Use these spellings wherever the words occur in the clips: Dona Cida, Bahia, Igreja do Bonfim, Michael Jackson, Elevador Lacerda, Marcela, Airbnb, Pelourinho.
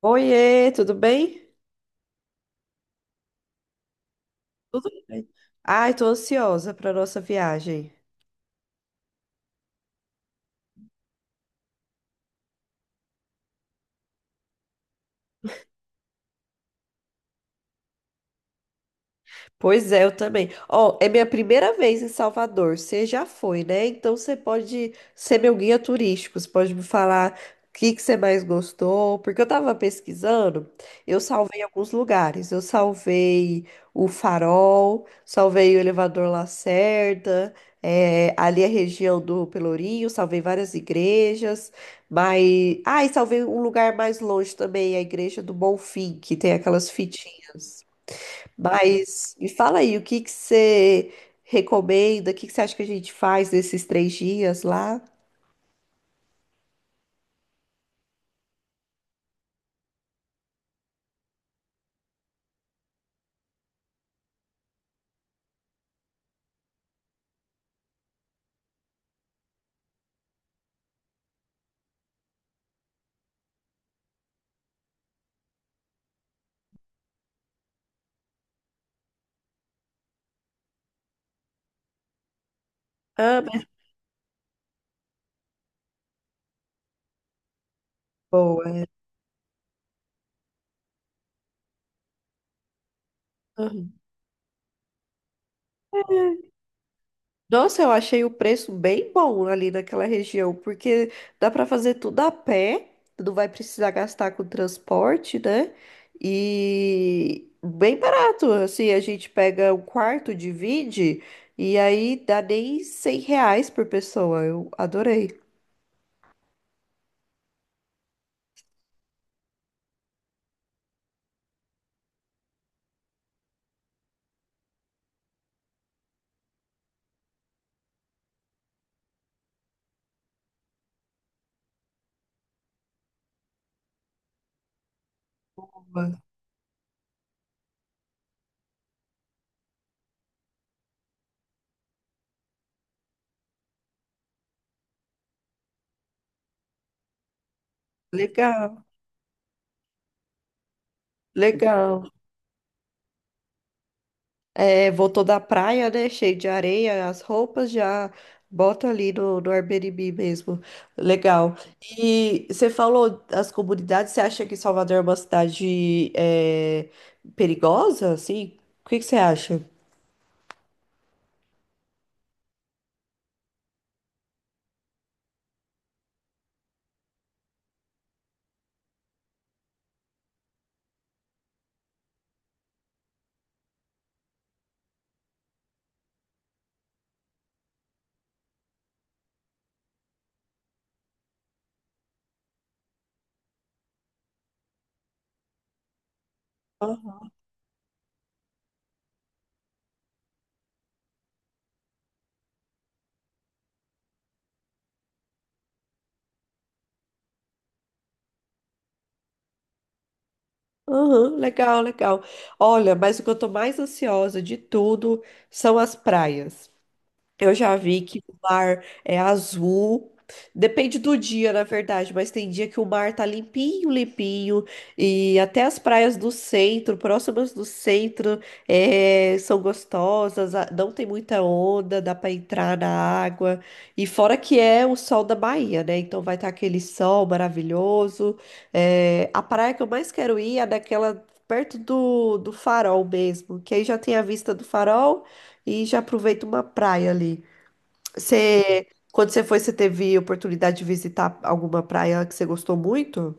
Oiê, tudo bem? Tudo bem. Ai, tô ansiosa para nossa viagem. Pois é, eu também. Ó, é minha primeira vez em Salvador. Você já foi, né? Então você pode ser meu guia turístico. Você pode me falar o que que você mais gostou. Porque eu tava pesquisando, eu salvei alguns lugares. Eu salvei o Farol, salvei o Elevador Lacerda, ali a região do Pelourinho, salvei várias igrejas. Mas. Ah, e salvei um lugar mais longe também, a Igreja do Bonfim, que tem aquelas fitinhas. Mas me fala aí, o que que você recomenda? O que que você acha que a gente faz nesses 3 dias lá? Ah, mas... Boa. Uhum. Nossa, eu achei o preço bem bom ali naquela região, porque dá para fazer tudo a pé, não vai precisar gastar com transporte, né? E bem barato, assim, a gente pega um quarto, divide, e aí dá nem 100 reais por pessoa. Eu adorei. Legal, legal. É, voltou da praia, né? Cheio de areia, as roupas já bota ali no Airbnb mesmo. Legal. E você falou das comunidades, você acha que Salvador é uma cidade perigosa, assim? O que que você acha? Ah, aham, legal, legal. Olha, mas o que eu tô mais ansiosa de tudo são as praias. Eu já vi que o mar é azul. Depende do dia, na verdade, mas tem dia que o mar tá limpinho, limpinho, e até as praias do centro, próximas do centro, são gostosas, não tem muita onda, dá pra entrar na água. E fora que é o sol da Bahia, né? Então vai estar aquele sol maravilhoso. A praia que eu mais quero ir é daquela perto do farol mesmo, que aí já tem a vista do farol e já aproveita uma praia ali. Você, quando você foi, você teve oportunidade de visitar alguma praia que você gostou muito?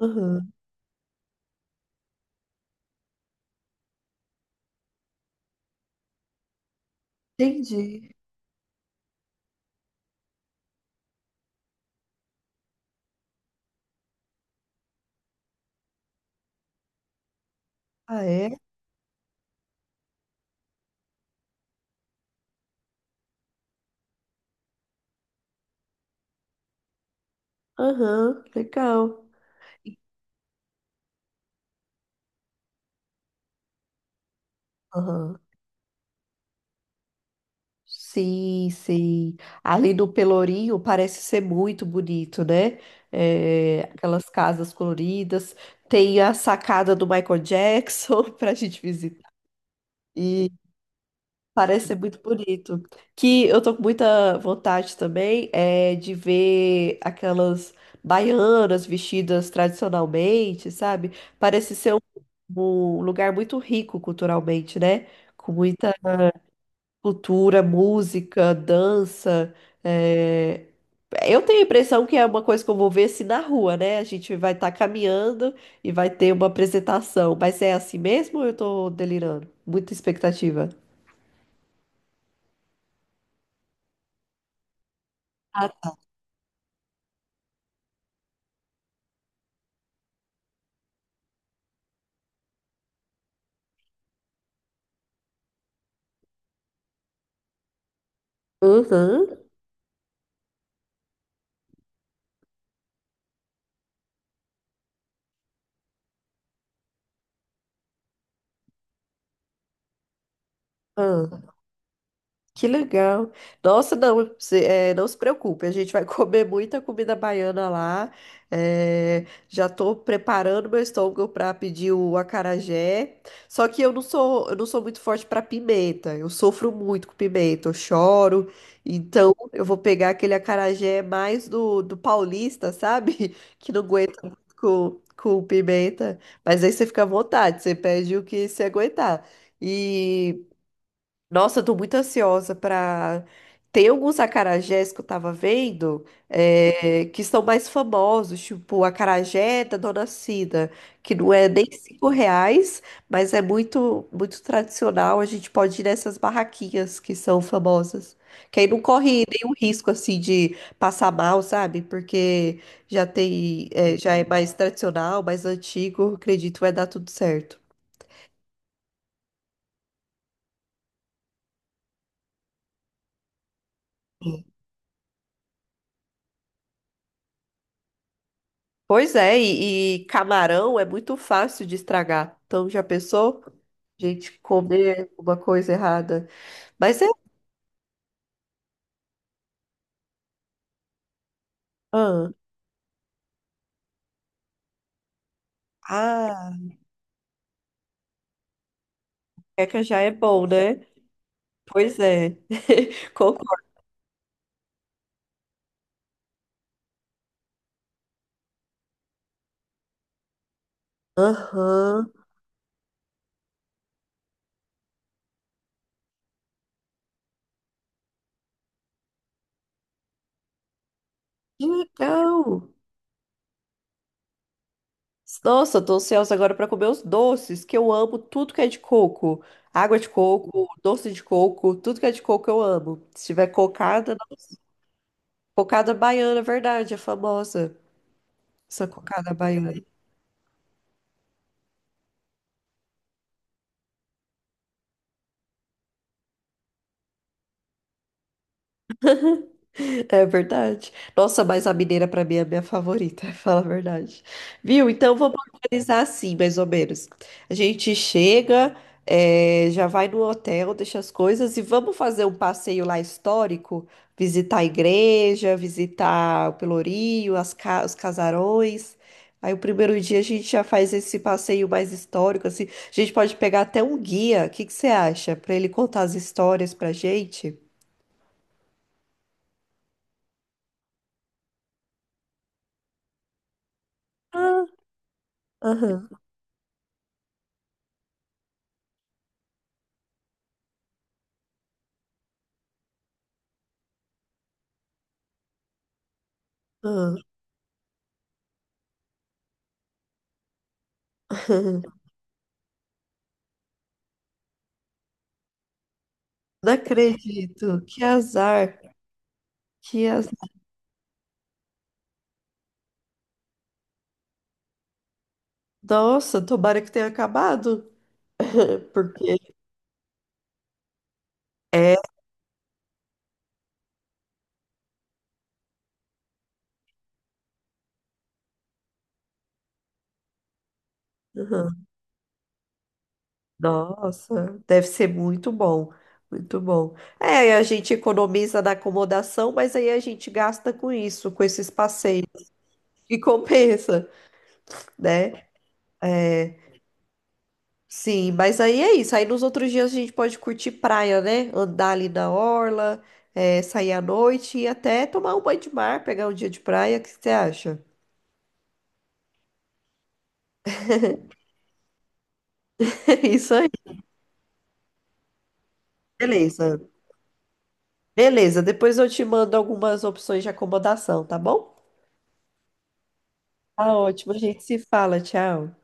Aham, entendi. Ah, é? Aham, legal. Aham. Sim, sim. Ali no Pelourinho parece ser muito bonito, né? É, aquelas casas coloridas. Tem a sacada do Michael Jackson para a gente visitar. Parece ser muito bonito. Que eu tô com muita vontade também é de ver aquelas baianas vestidas tradicionalmente, sabe? Parece ser um, um lugar muito rico culturalmente, né? Com muita cultura, música, dança. É. Eu tenho a impressão que é uma coisa que eu vou ver assim na rua, né? A gente vai estar caminhando e vai ter uma apresentação. Mas é assim mesmo ou eu tô delirando? Muita expectativa. Ah, uhum. Ah, que legal. Nossa, não, é, não se preocupe, a gente vai comer muita comida baiana lá. É, já estou preparando meu estômago para pedir o acarajé. Só que eu não sou muito forte para pimenta. Eu sofro muito com pimenta, eu choro. Então eu vou pegar aquele acarajé mais do paulista, sabe? Que não aguenta muito com pimenta. Mas aí você fica à vontade, você pede o que você aguentar. E nossa, eu tô muito ansiosa pra. Tem alguns acarajés que eu tava vendo que são mais famosos, tipo o acarajé da Dona Cida, que não é nem 5 reais, mas é muito muito tradicional. A gente pode ir nessas barraquinhas que são famosas, que aí não corre nenhum risco assim de passar mal, sabe? Porque já tem já é mais tradicional, mais antigo, acredito vai dar tudo certo. Pois é, e camarão é muito fácil de estragar. Então, já pensou? A gente comer uma coisa errada. Mas é. Ah, ah, queca já é bom, né? Pois é. Concordo. Aham. Que legal. Nossa, eu tô ansiosa agora pra comer os doces, que eu amo tudo que é de coco. Água de coco, doce de coco, tudo que é de coco eu amo. Se tiver cocada, cocada baiana, é verdade, é famosa. Essa cocada baiana. É verdade. Nossa, mas a mineira pra mim é a minha favorita, fala a verdade. Viu? Então vamos organizar assim, mais ou menos. A gente chega, já vai no hotel, deixa as coisas e vamos fazer um passeio lá histórico, visitar a igreja, visitar o Pelourinho, os casarões. Aí o primeiro dia a gente já faz esse passeio mais histórico, assim. A gente pode pegar até um guia. O que que você acha? Pra ele contar as histórias pra gente. Ah, aham. Não acredito. Que azar. Que azar. Nossa, tomara que tenha acabado. Porque é. Uhum. Nossa, deve ser muito bom. Muito bom. É, aí a gente economiza na acomodação, mas aí a gente gasta com isso, com esses passeios. E compensa, né? É, sim, mas aí é isso. Aí nos outros dias a gente pode curtir praia, né? Andar ali na orla, é, sair à noite e até tomar um banho de mar, pegar um dia de praia. O que você acha? Isso beleza, beleza. Depois eu te mando algumas opções de acomodação, tá bom? Tá ótimo, a gente se fala, tchau.